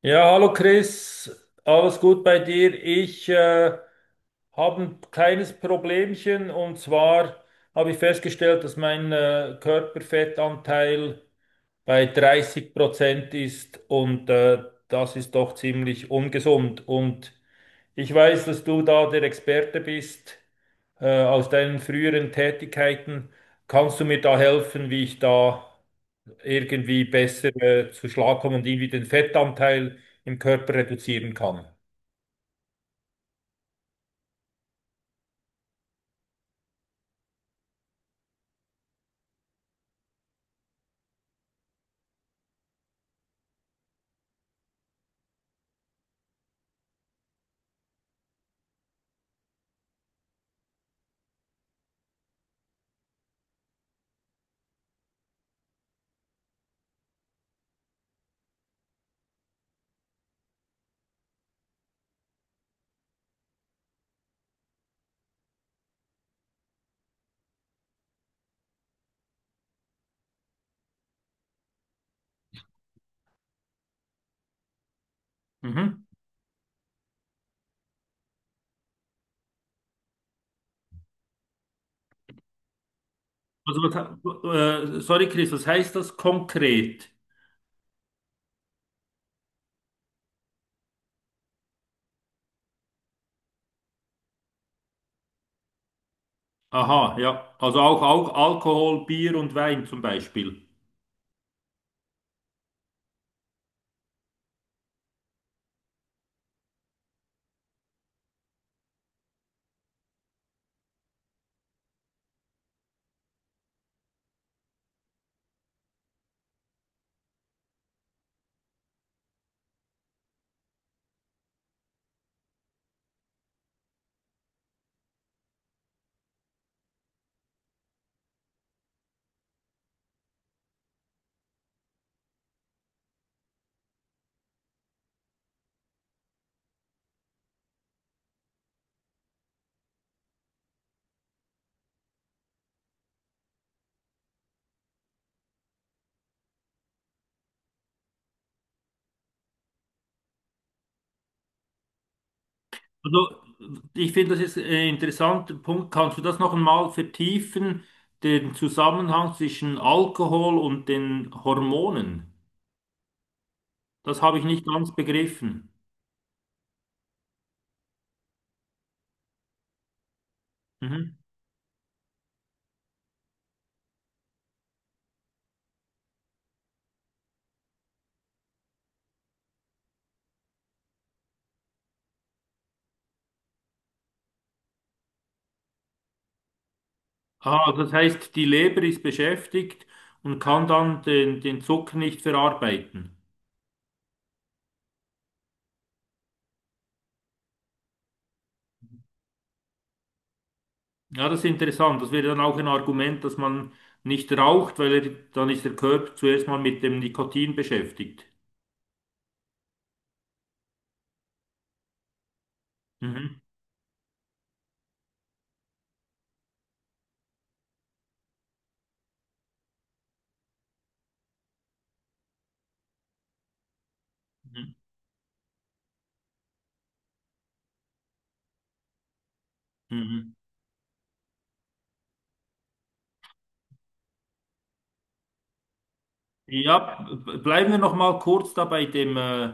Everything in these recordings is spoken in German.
Ja, hallo Chris, alles gut bei dir? Ich habe ein kleines Problemchen und zwar habe ich festgestellt, dass mein Körperfettanteil bei 30% ist und das ist doch ziemlich ungesund. Und ich weiß, dass du da der Experte bist aus deinen früheren Tätigkeiten. Kannst du mir da helfen, wie ich da irgendwie besser zu Schlag kommen und irgendwie den Fettanteil im Körper reduzieren kann. Mhm. Also, sorry, Chris, was heißt das konkret? Aha, ja. Also auch, auch Alkohol, Bier und Wein zum Beispiel. Also, ich finde, das ist ein interessanter Punkt. Kannst du das noch einmal vertiefen, den Zusammenhang zwischen Alkohol und den Hormonen? Das habe ich nicht ganz begriffen. Mhm. Ah, das heißt, die Leber ist beschäftigt und kann dann den Zucker nicht verarbeiten. Ja, das ist interessant. Das wäre dann auch ein Argument, dass man nicht raucht, weil er, dann ist der Körper zuerst mal mit dem Nikotin beschäftigt. Mhm. Mhm. Mhm. Ja, bleiben wir noch mal kurz da bei dem,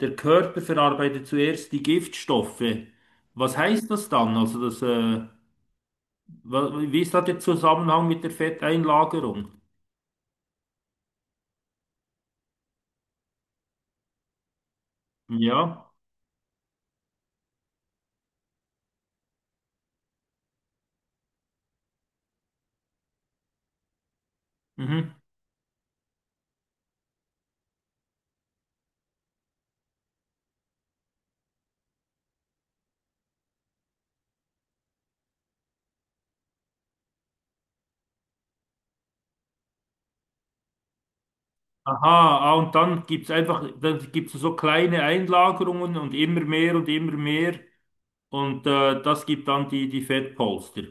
der Körper verarbeitet zuerst die Giftstoffe. Was heißt das dann? Also wie ist da der Zusammenhang mit der Fetteinlagerung? Ja. Mhm. Aha, ah, und dann gibt's einfach, dann gibt's so kleine Einlagerungen und immer mehr und immer mehr. Und das gibt dann die Fettpolster.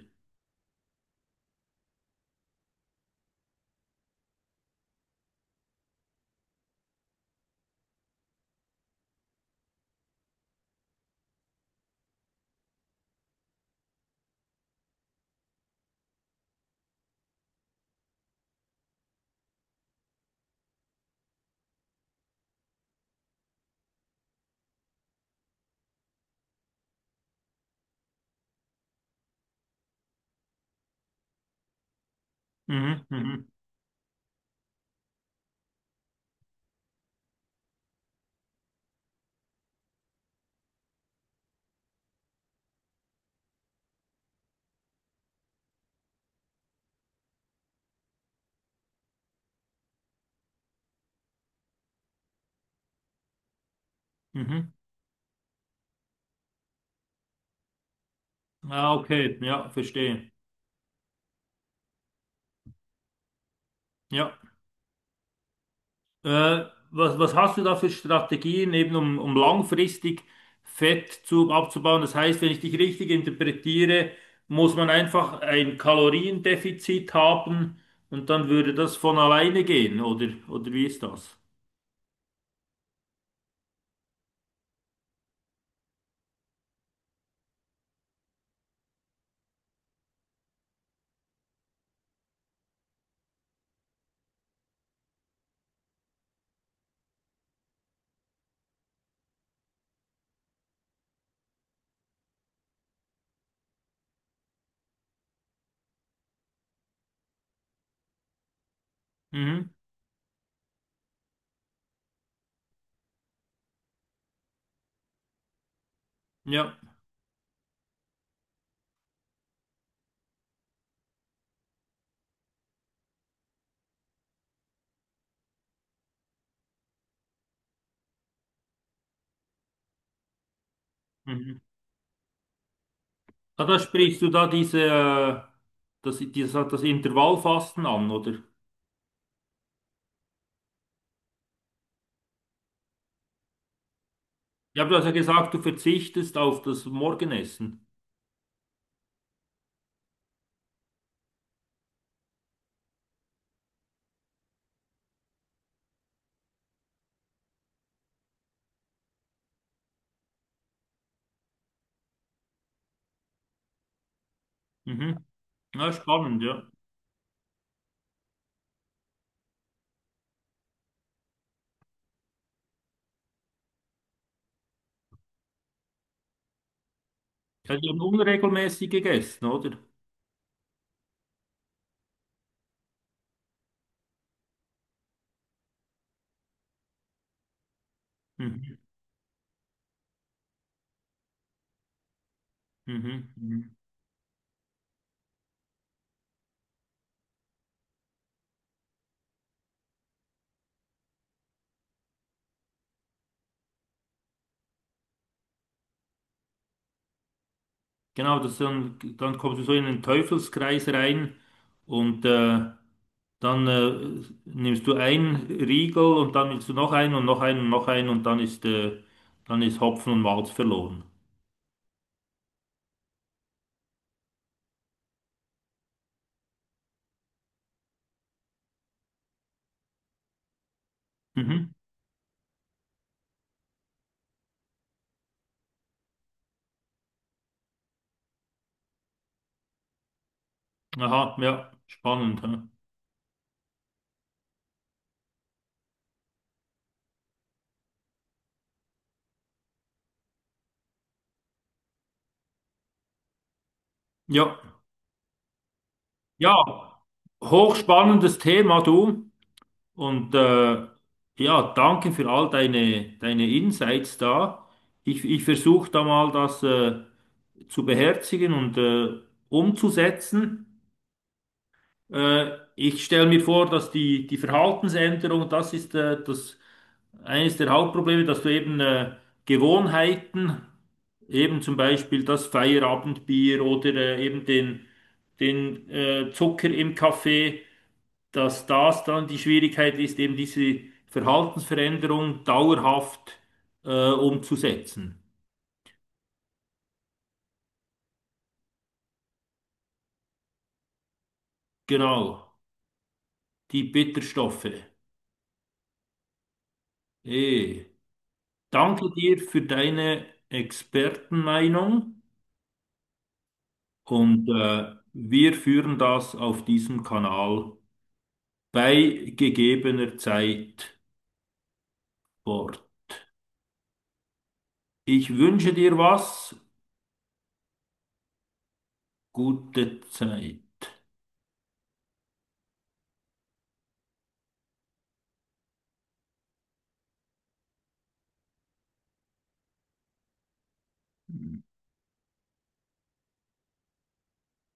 Mhm, mhm, mhm. Ah, okay, ja, verstehe. Ja. Äh, Was, was hast du da für Strategien, eben um, um langfristig Fett zu, abzubauen? Das heißt, wenn ich dich richtig interpretiere, muss man einfach ein Kaloriendefizit haben und dann würde das von alleine gehen, oder wie ist das? Mhm. Ja. Mhm. Ah, da sprichst du da das Intervallfasten an, oder? Ja, aber du hast ja so gesagt, du verzichtest auf das Morgenessen. Mhm. Ja, spannend, ja. Ja, die haben unregelmäßig gegessen, oder? Mhm. Mhm. Mhm. Genau, das dann, dann kommst du so in den Teufelskreis rein und dann nimmst du einen Riegel und dann willst du noch einen und noch einen und noch einen und dann dann ist Hopfen und Malz verloren. Mhm. Aha, ja, spannend. Hä? Ja, ja, hochspannendes Thema, du. Und äh, ja, danke für all deine, deine Insights da. Ich versuche da mal das zu beherzigen und umzusetzen. Ich stelle mir vor, dass die Verhaltensänderung, das ist eines der Hauptprobleme, dass du eben Gewohnheiten, eben zum Beispiel das Feierabendbier oder eben den Zucker im Kaffee, dass das dann die Schwierigkeit ist, eben diese Verhaltensveränderung dauerhaft umzusetzen. Genau, die Bitterstoffe. Eh. Danke dir für deine Expertenmeinung. Wir führen das auf diesem Kanal bei gegebener Zeit fort. Ich wünsche dir was, gute Zeit.